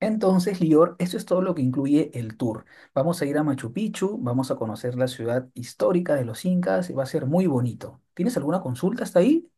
Entonces, Lior, eso es todo lo que incluye el tour. Vamos a ir a Machu Picchu, vamos a conocer la ciudad histórica de los incas y va a ser muy bonito. ¿Tienes alguna consulta hasta ahí?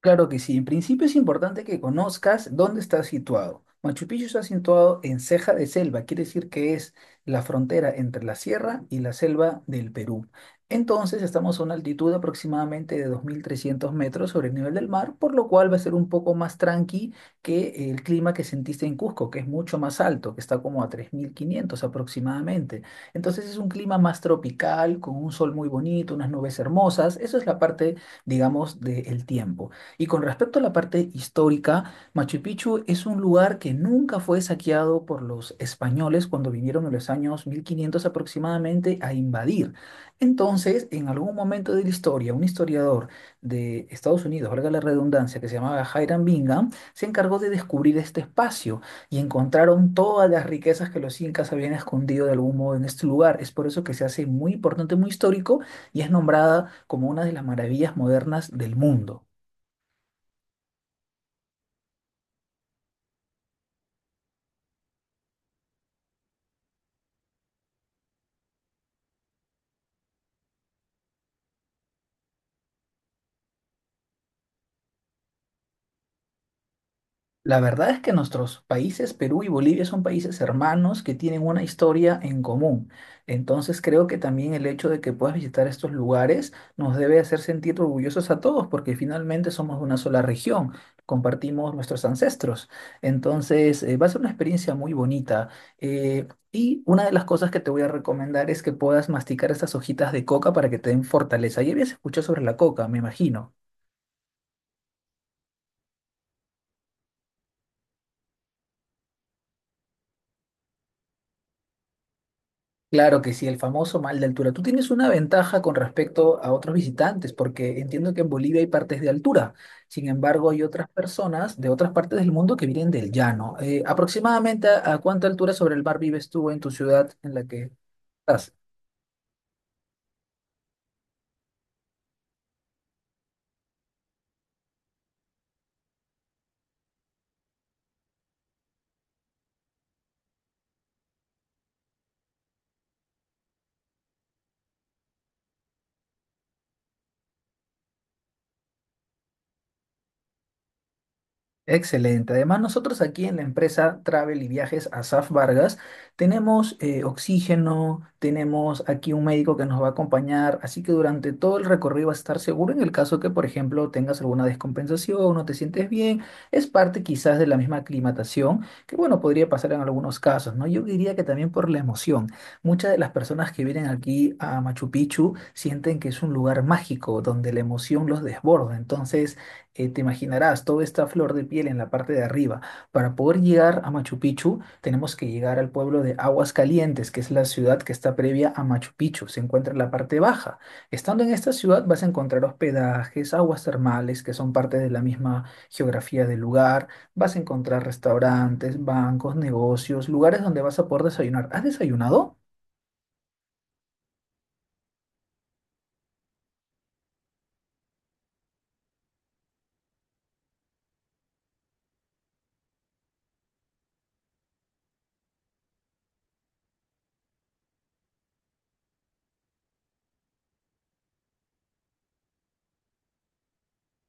Claro que sí. En principio es importante que conozcas dónde está situado. Machu Picchu está situado en ceja de selva, quiere decir que es la frontera entre la sierra y la selva del Perú. Entonces estamos a una altitud aproximadamente de 2.300 metros sobre el nivel del mar, por lo cual va a ser un poco más tranqui que el clima que sentiste en Cusco, que es mucho más alto, que está como a 3.500 aproximadamente. Entonces es un clima más tropical, con un sol muy bonito, unas nubes hermosas. Eso es la parte, digamos, del tiempo. Y con respecto a la parte histórica, Machu Picchu es un lugar que nunca fue saqueado por los españoles cuando vinieron en los años 1500 aproximadamente a invadir. Entonces, en algún momento de la historia, un historiador de Estados Unidos, valga la redundancia, que se llamaba Hiram Bingham, se encargó de descubrir este espacio y encontraron todas las riquezas que los incas habían escondido de algún modo en este lugar. Es por eso que se hace muy importante, muy histórico y es nombrada como una de las maravillas modernas del mundo. La verdad es que nuestros países, Perú y Bolivia, son países hermanos que tienen una historia en común. Entonces creo que también el hecho de que puedas visitar estos lugares nos debe hacer sentir orgullosos a todos porque finalmente somos de una sola región, compartimos nuestros ancestros. Entonces va a ser una experiencia muy bonita. Y una de las cosas que te voy a recomendar es que puedas masticar estas hojitas de coca para que te den fortaleza. Ya habías escuchado sobre la coca, me imagino. Claro que sí, el famoso mal de altura. Tú tienes una ventaja con respecto a otros visitantes, porque entiendo que en Bolivia hay partes de altura. Sin embargo, hay otras personas de otras partes del mundo que vienen del llano. Aproximadamente, ¿a cuánta altura sobre el mar vives tú en tu ciudad en la que estás? Excelente. Además, nosotros aquí en la empresa Travel y Viajes Asaf Vargas tenemos oxígeno, tenemos aquí un médico que nos va a acompañar, así que durante todo el recorrido vas a estar seguro en el caso que, por ejemplo, tengas alguna descompensación, no te sientes bien, es parte quizás de la misma aclimatación, que bueno, podría pasar en algunos casos, ¿no? Yo diría que también por la emoción. Muchas de las personas que vienen aquí a Machu Picchu sienten que es un lugar mágico donde la emoción los desborda, entonces te imaginarás, toda esta flor de piel en la parte de arriba. Para poder llegar a Machu Picchu, tenemos que llegar al pueblo de Aguas Calientes, que es la ciudad que está previa a Machu Picchu. Se encuentra en la parte baja. Estando en esta ciudad vas a encontrar hospedajes, aguas termales, que son parte de la misma geografía del lugar. Vas a encontrar restaurantes, bancos, negocios, lugares donde vas a poder desayunar. ¿Has desayunado?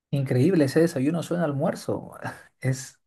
Increíble, ese desayuno suena a almuerzo. Es...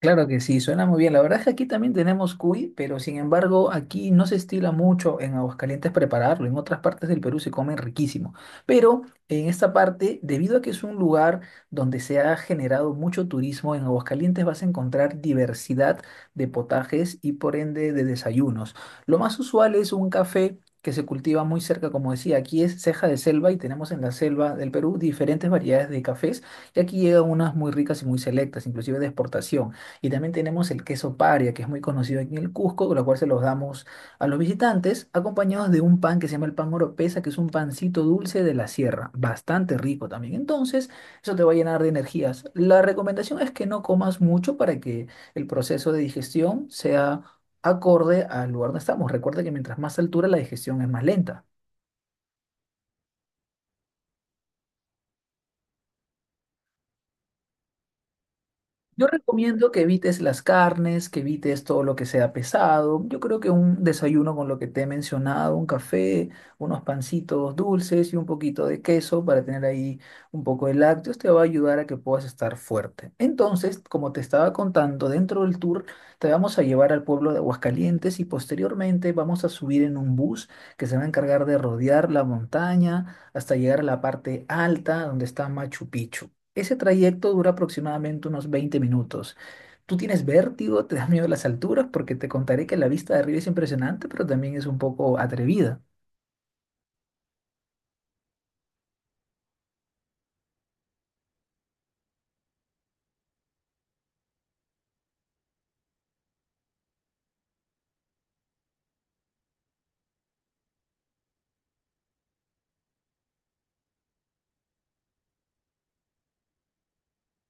Claro que sí, suena muy bien. La verdad es que aquí también tenemos cuy, pero sin embargo aquí no se estila mucho en Aguascalientes prepararlo. En otras partes del Perú se come riquísimo. Pero en esta parte, debido a que es un lugar donde se ha generado mucho turismo, en Aguascalientes vas a encontrar diversidad de potajes y por ende de desayunos. Lo más usual es un café que se cultiva muy cerca, como decía, aquí es ceja de selva y tenemos en la selva del Perú diferentes variedades de cafés y aquí llegan unas muy ricas y muy selectas, inclusive de exportación. Y también tenemos el queso paria, que es muy conocido aquí en el Cusco, con lo cual se los damos a los visitantes, acompañados de un pan que se llama el pan oropesa, que es un pancito dulce de la sierra, bastante rico también. Entonces, eso te va a llenar de energías. La recomendación es que no comas mucho para que el proceso de digestión sea acorde al lugar donde estamos. Recuerda que mientras más altura, la digestión es más lenta. Yo recomiendo que evites las carnes, que evites todo lo que sea pesado. Yo creo que un desayuno con lo que te he mencionado, un café, unos pancitos dulces y un poquito de queso para tener ahí un poco de lácteos te va a ayudar a que puedas estar fuerte. Entonces, como te estaba contando, dentro del tour te vamos a llevar al pueblo de Aguascalientes y posteriormente vamos a subir en un bus que se va a encargar de rodear la montaña hasta llegar a la parte alta donde está Machu Picchu. Ese trayecto dura aproximadamente unos 20 minutos. ¿Tú tienes vértigo? ¿Te da miedo las alturas? Porque te contaré que la vista de arriba es impresionante, pero también es un poco atrevida.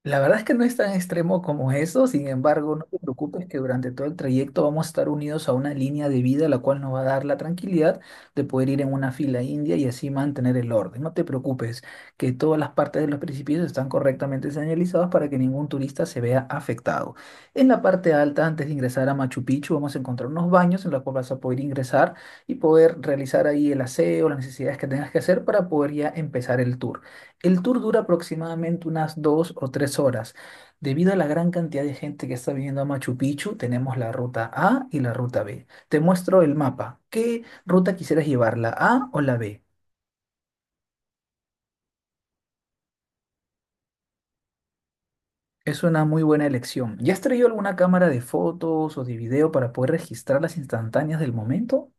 La verdad es que no es tan extremo como eso, sin embargo, no te preocupes que durante todo el trayecto vamos a estar unidos a una línea de vida la cual nos va a dar la tranquilidad de poder ir en una fila india y así mantener el orden. No te preocupes que todas las partes de los precipicios están correctamente señalizadas para que ningún turista se vea afectado. En la parte alta, antes de ingresar a Machu Picchu, vamos a encontrar unos baños en los cuales vas a poder ingresar y poder realizar ahí el aseo, las necesidades que tengas que hacer para poder ya empezar el tour. El tour dura aproximadamente unas 2 o 3 horas. Debido a la gran cantidad de gente que está viniendo a Machu Picchu, tenemos la ruta A y la ruta B. Te muestro el mapa. ¿Qué ruta quisieras llevar, la A o la B? Es una muy buena elección. ¿Ya has traído alguna cámara de fotos o de video para poder registrar las instantáneas del momento?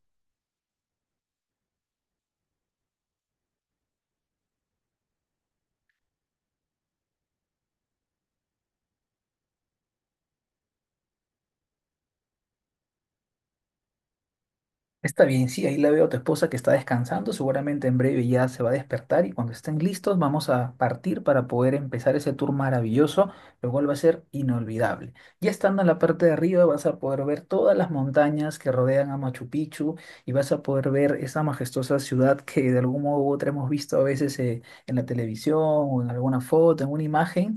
Está bien, sí, ahí la veo a tu esposa que está descansando, seguramente en breve ya se va a despertar y cuando estén listos vamos a partir para poder empezar ese tour maravilloso, lo cual va a ser inolvidable. Ya estando en la parte de arriba vas a poder ver todas las montañas que rodean a Machu Picchu y vas a poder ver esa majestuosa ciudad que de algún modo u otro hemos visto a veces en la televisión o en alguna foto, en una imagen.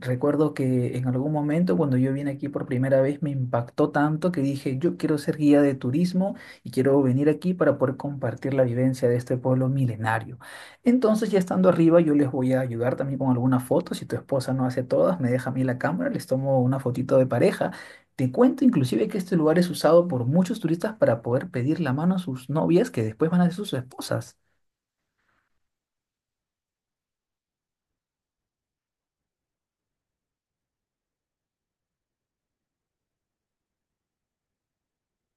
Recuerdo que en algún momento cuando yo vine aquí por primera vez me impactó tanto que dije, yo quiero ser guía de turismo y quiero venir aquí para poder compartir la vivencia de este pueblo milenario. Entonces, ya estando arriba, yo les voy a ayudar también con algunas fotos. Si tu esposa no hace todas, me deja a mí la cámara, les tomo una fotito de pareja. Te cuento inclusive que este lugar es usado por muchos turistas para poder pedir la mano a sus novias que después van a ser sus esposas.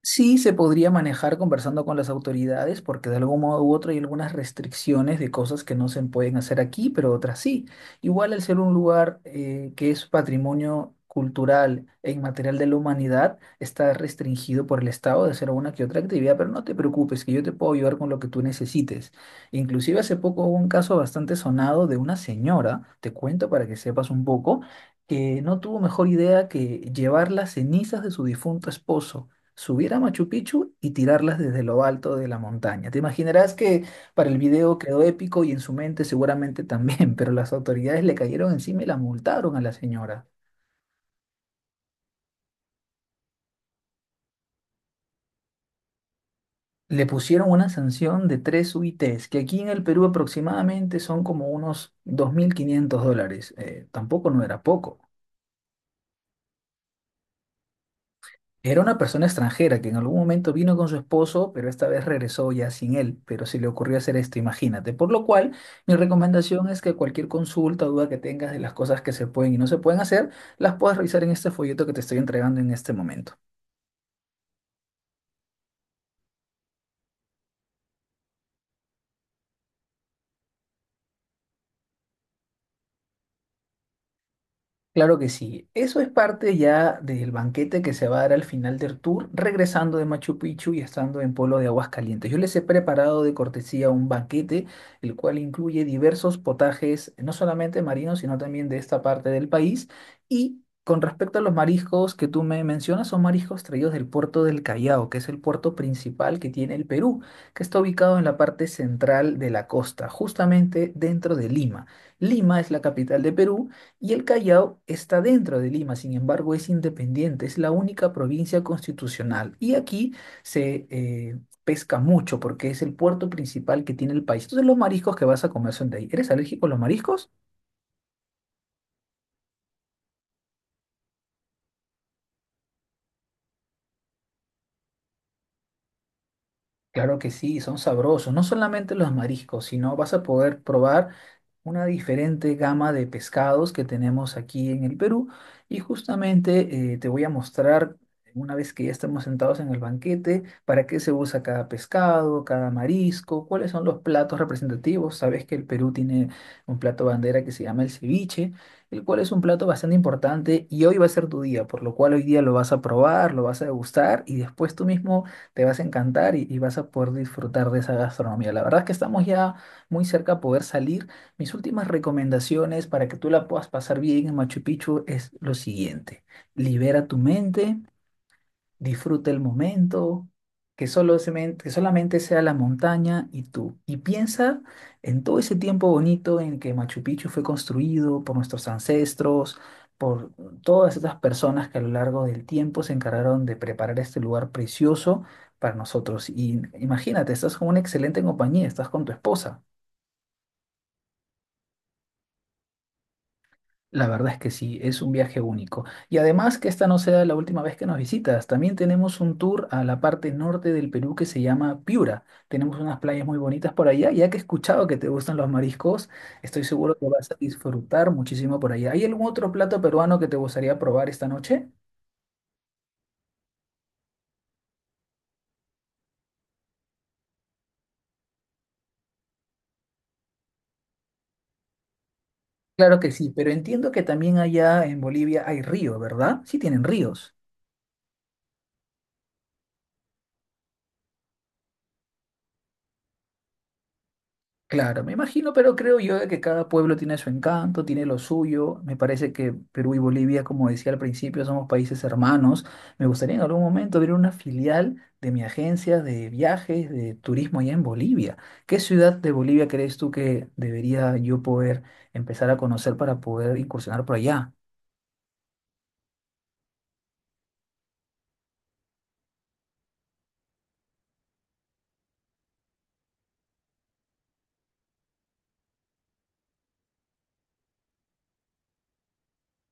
Sí, se podría manejar conversando con las autoridades porque de algún modo u otro hay algunas restricciones de cosas que no se pueden hacer aquí, pero otras sí. Igual al ser un lugar que es patrimonio cultural e inmaterial de la humanidad, está restringido por el Estado de hacer alguna que otra actividad, pero no te preocupes, que yo te puedo ayudar con lo que tú necesites. Inclusive hace poco hubo un caso bastante sonado de una señora, te cuento para que sepas un poco, que no tuvo mejor idea que llevar las cenizas de su difunto esposo subir a Machu Picchu y tirarlas desde lo alto de la montaña. Te imaginarás que para el video quedó épico y en su mente seguramente también, pero las autoridades le cayeron encima y la multaron a la señora. Le pusieron una sanción de 3 UITs, que aquí en el Perú aproximadamente son como unos 2500 dólares. Tampoco no era poco. Era una persona extranjera que en algún momento vino con su esposo, pero esta vez regresó ya sin él, pero se le ocurrió hacer esto, imagínate. Por lo cual, mi recomendación es que cualquier consulta o duda que tengas de las cosas que se pueden y no se pueden hacer, las puedas revisar en este folleto que te estoy entregando en este momento. Claro que sí. Eso es parte ya del banquete que se va a dar al final del tour, regresando de Machu Picchu y estando en Polo de Aguascalientes. Yo les he preparado de cortesía un banquete, el cual incluye diversos potajes, no solamente marinos, sino también de esta parte del país. Y con respecto a los mariscos que tú me mencionas, son mariscos traídos del puerto del Callao, que es el puerto principal que tiene el Perú, que está ubicado en la parte central de la costa, justamente dentro de Lima. Lima es la capital de Perú. Y el Callao está dentro de Lima, sin embargo es independiente, es la única provincia constitucional. Y aquí se pesca mucho porque es el puerto principal que tiene el país. Entonces los mariscos que vas a comer son de ahí. ¿Eres alérgico a los mariscos? Claro que sí, son sabrosos. No solamente los mariscos, sino vas a poder probar una diferente gama de pescados que tenemos aquí en el Perú. Y justamente te voy a mostrar, una vez que ya estemos sentados en el banquete, para qué se usa cada pescado, cada marisco, cuáles son los platos representativos. Sabes que el Perú tiene un plato bandera que se llama el ceviche, el cual es un plato bastante importante y hoy va a ser tu día, por lo cual hoy día lo vas a probar, lo vas a degustar y después tú mismo te vas a encantar y vas a poder disfrutar de esa gastronomía. La verdad es que estamos ya muy cerca a poder salir. Mis últimas recomendaciones para que tú la puedas pasar bien en Machu Picchu es lo siguiente. Libera tu mente, disfruta el momento, que solo se que solamente sea la montaña y tú. Y piensa en todo ese tiempo bonito en que Machu Picchu fue construido por nuestros ancestros, por todas estas personas que a lo largo del tiempo se encargaron de preparar este lugar precioso para nosotros. Y imagínate, estás con una excelente compañía, estás con tu esposa. La verdad es que sí, es un viaje único. Y además que esta no sea la última vez que nos visitas. También tenemos un tour a la parte norte del Perú que se llama Piura. Tenemos unas playas muy bonitas por allá. Ya que he escuchado que te gustan los mariscos, estoy seguro que vas a disfrutar muchísimo por allá. ¿Hay algún otro plato peruano que te gustaría probar esta noche? Claro que sí, pero entiendo que también allá en Bolivia hay río, ¿verdad? Sí tienen ríos. Claro, me imagino, pero creo yo de que cada pueblo tiene su encanto, tiene lo suyo. Me parece que Perú y Bolivia, como decía al principio, somos países hermanos. Me gustaría en algún momento abrir una filial de mi agencia de viajes, de turismo allá en Bolivia. ¿Qué ciudad de Bolivia crees tú que debería yo poder empezar a conocer para poder incursionar por allá?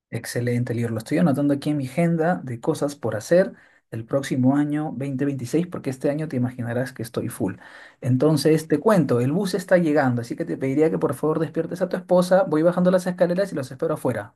Excelente, Lior. Lo estoy anotando aquí en mi agenda de cosas por hacer el próximo año 2026, porque este año te imaginarás que estoy full. Entonces, te cuento, el bus está llegando, así que te pediría que por favor despiertes a tu esposa. Voy bajando las escaleras y los espero afuera.